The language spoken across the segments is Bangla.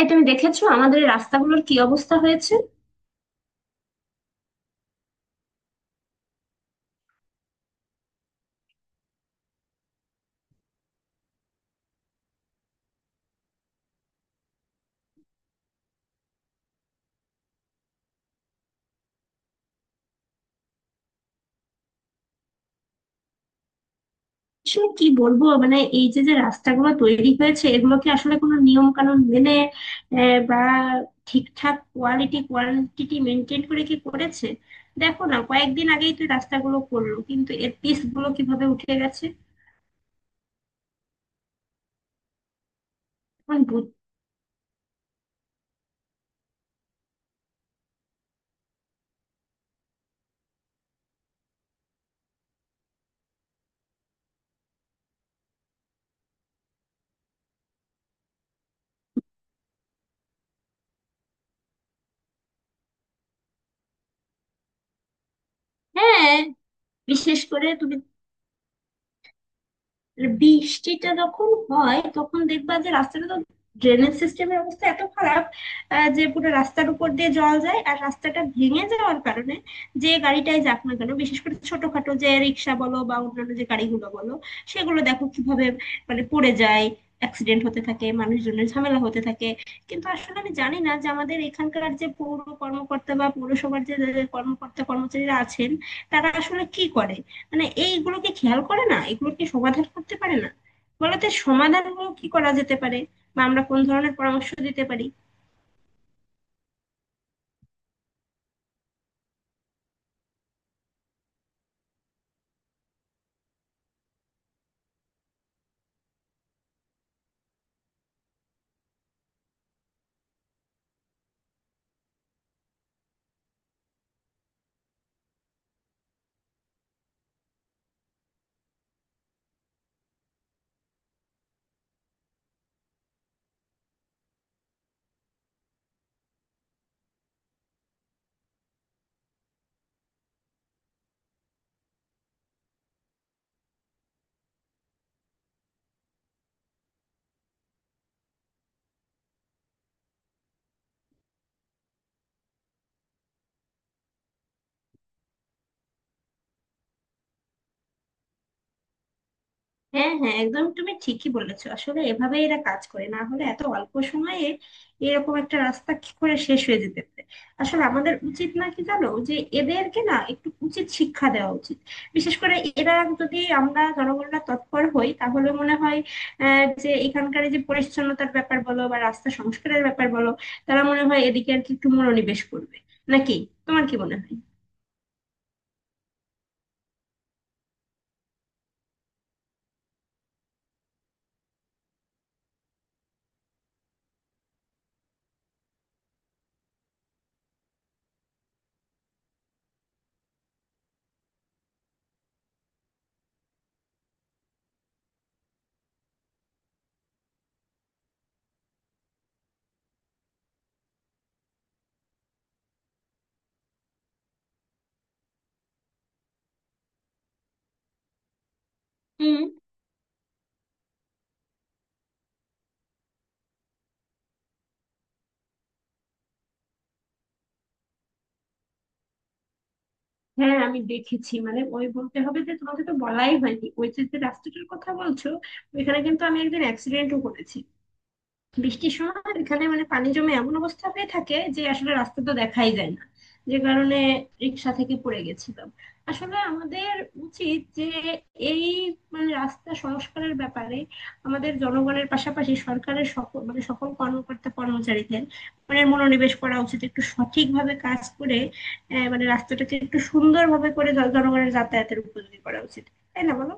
এই, তুমি দেখেছো আমাদের এই রাস্তাগুলোর কি অবস্থা হয়েছে? আসলে কি বলবো, মানে এই যে যে রাস্তাগুলো তৈরি হয়েছে, এগুলো কি আসলে কোনো নিয়ম কানুন মেনে বা ঠিকঠাক কোয়ালিটি কোয়ান্টিটি মেনটেন করে কি করেছে? দেখো না, কয়েকদিন আগেই তো এই রাস্তাগুলো করলো, কিন্তু এর পিচ গুলো কিভাবে উঠে গেছে। এখন বুঝ- হ্যাঁ। বিশেষ করে তুমি। আর বৃষ্টিটা যখন হয়, তখন দেখবা যে রাস্তাটা তো ড্রেনেজ সিস্টেমের অবস্থা এত খারাপ, যে পুরো রাস্তার উপর দিয়ে জল যায়। আর রাস্তাটা ভেঙে যাওয়ার কারণে যে গাড়িটাই যাক না কেন, বিশেষ করে ছোটখাটো যে রিক্সা বলো বা অন্যান্য যে গাড়িগুলো বলো, সেগুলো দেখো কিভাবে, মানে পড়ে যায়, অ্যাক্সিডেন্ট হতে থাকে, মানুষজনের ঝামেলা হতে থাকে। কিন্তু আসলে আমি জানি না যে আমাদের এখানকার যে পৌর কর্মকর্তা বা পৌরসভার যে যে কর্মকর্তা কর্মচারীরা আছেন, তারা আসলে কি করে। মানে এইগুলোকে খেয়াল করে না, এগুলোকে সমাধান করতে পারে না, বলতে সমাধানগুলো কি করা যেতে পারে বা আমরা কোন ধরনের পরামর্শ দিতে পারি? হ্যাঁ, হ্যাঁ, একদম তুমি ঠিকই বলেছো। আসলে এভাবে এরা কাজ করে, না হলে এত অল্প সময়ে এরকম একটা রাস্তা কি করে শেষ হয়ে যেতে পারে? আসলে আমাদের উচিত না, কি জানো, যে এদেরকে না একটু উচিত শিক্ষা দেওয়া উচিত। বিশেষ করে এরা, যদি আমরা জনগণরা তৎপর হই তাহলে মনে হয় যে এখানকার এই যে পরিচ্ছন্নতার ব্যাপার বলো বা রাস্তা সংস্কারের ব্যাপার বলো, তারা মনে হয় এদিকে আর কি একটু মনোনিবেশ করবে, নাকি? তোমার কি মনে হয়? হুম। হ্যাঁ, আমি দেখেছি। মানে ওই, বলতে হবে যে তোমাকে তো বলাই হয়নি। ওই যে যে রাস্তাটার কথা বলছো, ওইখানে কিন্তু আমি একদিন অ্যাক্সিডেন্টও করেছি। বৃষ্টির সময় এখানে মানে পানি জমে এমন অবস্থা হয়ে থাকে যে আসলে রাস্তা তো দেখাই যায় না, যে কারণে রিক্সা থেকে পড়ে গেছিলাম। আসলে আমাদের উচিত যে এই মানে রাস্তা সংস্কারের ব্যাপারে আমাদের জনগণের পাশাপাশি সরকারের সকল কর্মকর্তা কর্মচারীদের মানে মনোনিবেশ করা উচিত একটু সঠিকভাবে কাজ করে। মানে রাস্তাটাকে একটু সুন্দরভাবে করে জনগণের যাতায়াতের উপযোগী করা উচিত, তাই না, বলো?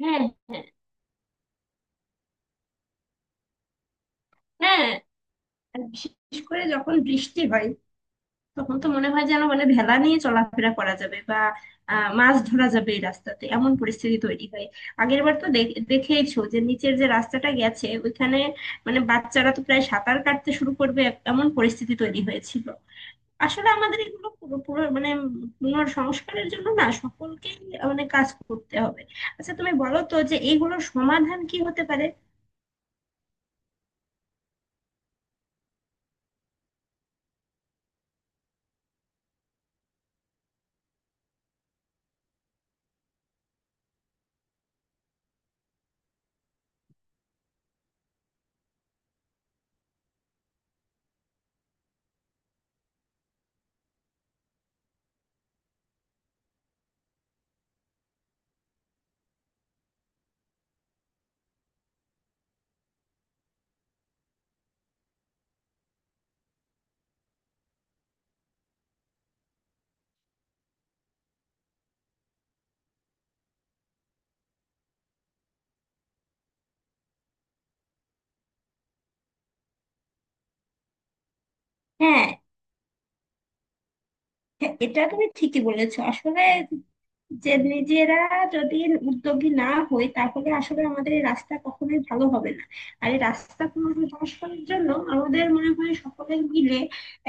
হ্যাঁ, হ্যাঁ, হ্যাঁ। আর বিশেষ করে যখন বৃষ্টি হয়, তখন তো মনে হয় যেন, মানে, ভেলা নিয়ে চলাফেরা করা যাবে বা মাছ ধরা যাবে। এই রাস্তাতে এমন পরিস্থিতি তৈরি হয়। আগের বার তো দেখেইছো যে নিচের যে রাস্তাটা গেছে ওইখানে, মানে বাচ্চারা তো প্রায় সাঁতার কাটতে শুরু করবে, এমন পরিস্থিতি তৈরি হয়েছিল। আসলে আমাদের এগুলো পুরো পুরো মানে পুনর সংস্কারের জন্য না সকলকেই মানে কাজ করতে হবে। আচ্ছা, তুমি বলো তো যে এইগুলোর সমাধান কি হতে পারে? হ্যাঁ, হ্যাঁ, এটা তুমি ঠিকই বলেছো। আসলে, যে নিজেরা যদি উদ্যোগী না হই, তাহলে আসলে আমাদের এই রাস্তা কখনোই ভালো হবে না। আর এই রাস্তা সংস্কারের জন্য আমাদের মনে হয় সকলে মিলে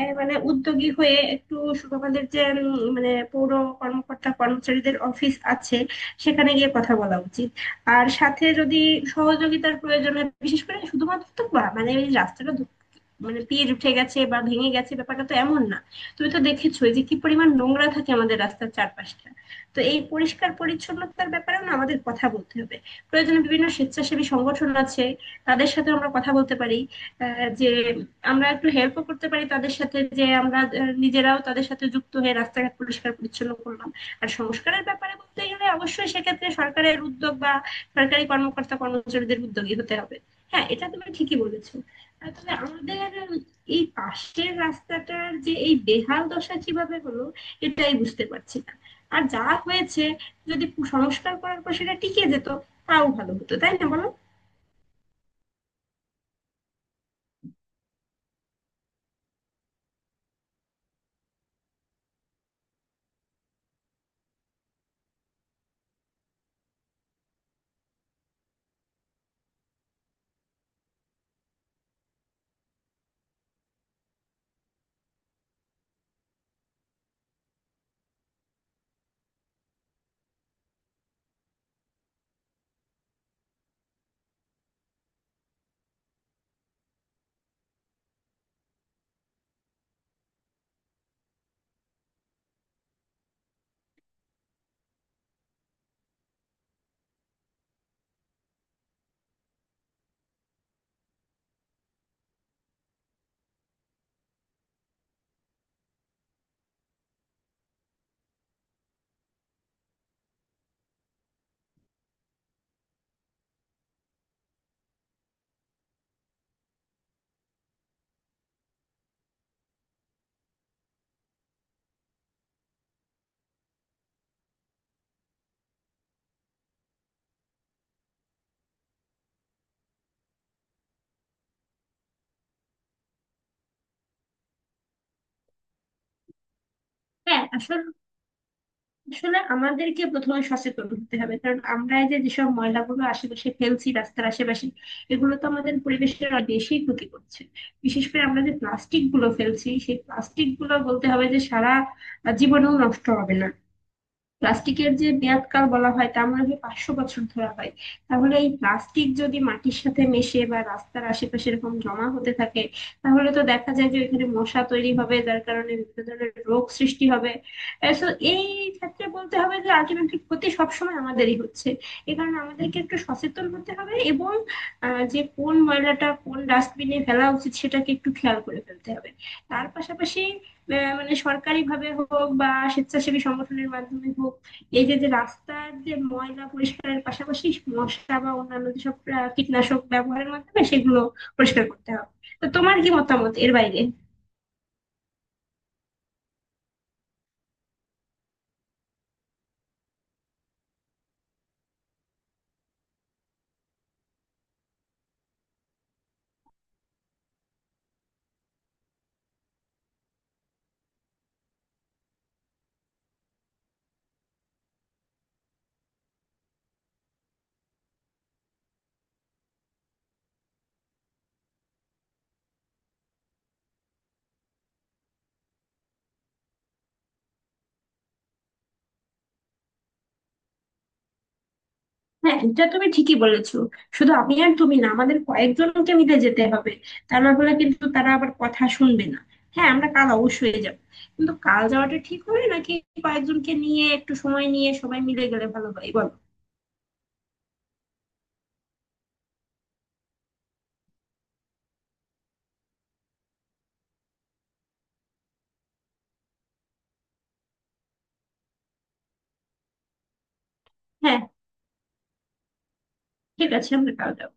মানে উদ্যোগী হয়ে একটু আমাদের যে মানে পৌর কর্মকর্তা কর্মচারীদের অফিস আছে, সেখানে গিয়ে কথা বলা উচিত। আর সাথে যদি সহযোগিতার প্রয়োজন হয়, বিশেষ করে শুধুমাত্র তো মানে এই রাস্তাটা মানে পিচ উঠে গেছে বা ভেঙে গেছে ব্যাপারটা তো এমন না। তুমি তো দেখেছো যে কি পরিমাণ নোংরা থাকে আমাদের রাস্তার চারপাশটা। তো এই পরিষ্কার পরিচ্ছন্নতার ব্যাপারেও না আমাদের কথা বলতে হবে। প্রয়োজনে বিভিন্ন স্বেচ্ছাসেবী সংগঠন আছে, তাদের সাথে আমরা কথা বলতে পারি যে আমরা একটু হেল্পও করতে পারি তাদের সাথে, যে আমরা নিজেরাও তাদের সাথে যুক্ত হয়ে রাস্তাঘাট পরিষ্কার পরিচ্ছন্ন করলাম। আর সংস্কারের ব্যাপারে বলতে গেলে অবশ্যই সেক্ষেত্রে সরকারের উদ্যোগ বা সরকারি কর্মকর্তা কর্মচারীদের উদ্যোগী হতে হবে। হ্যাঁ, এটা তুমি ঠিকই বলেছো। তবে আমাদের এই পাশের রাস্তাটার যে এই বেহাল দশা কিভাবে হলো এটাই বুঝতে পারছি না। আর যা হয়েছে, যদি সংস্কার করার পর সেটা টিকে যেত তাও ভালো হতো, তাই না, বলো? হ্যাঁ, আসলে আসলে আমাদেরকে প্রথমে সচেতন হতে হবে, কারণ আমরা এই যে যেসব ময়লাগুলো আশেপাশে ফেলছি রাস্তার আশেপাশে, এগুলো তো আমাদের পরিবেশের অনেক বেশি ক্ষতি করছে। বিশেষ করে আমরা যে প্লাস্টিক গুলো ফেলছি, সেই প্লাস্টিক গুলো বলতে হবে যে সারা জীবনেও নষ্ট হবে না। প্লাস্টিকের যে মেয়াদকাল বলা হয় তা মনে হয় 500 বছর ধরা হয়। তাহলে এই প্লাস্টিক যদি মাটির সাথে মেশে বা রাস্তার আশেপাশে এরকম জমা হতে থাকে, তাহলে তো দেখা যায় যে ওইখানে মশা তৈরি হবে, যার কারণে বিভিন্ন ধরনের রোগ সৃষ্টি হবে। তো এই ক্ষেত্রে বলতে হবে যে আলটিমেটলি ক্ষতি সবসময় আমাদেরই হচ্ছে। এ কারণে আমাদেরকে একটু সচেতন হতে হবে এবং যে কোন ময়লাটা কোন ডাস্টবিনে ফেলা উচিত সেটাকে একটু খেয়াল করে ফেলতে হবে। তার পাশাপাশি, মানে সরকারি ভাবে হোক বা স্বেচ্ছাসেবী সংগঠনের মাধ্যমে হোক, এই যে যে রাস্তার যে ময়লা পরিষ্কারের পাশাপাশি মশা বা অন্যান্য যেসব কীটনাশক ব্যবহারের মাধ্যমে সেগুলো পরিষ্কার করতে হবে। তো তোমার কি মতামত এর বাইরে? হ্যাঁ, এটা তুমি ঠিকই বলেছো। শুধু আমি আর তুমি না, আমাদের কয়েকজনকে মিলে যেতে হবে। তা না হলে কিন্তু তারা আবার কথা শুনবে না। হ্যাঁ, আমরা কাল অবশ্যই যাব। কিন্তু কাল যাওয়াটা ঠিক হবে, নাকি কয়েকজনকে নিয়ে একটু সময় নিয়ে সবাই মিলে গেলে ভালো হয়, বলো? হ্যাঁ, ঠিক আছে, আমরা কাল যাব।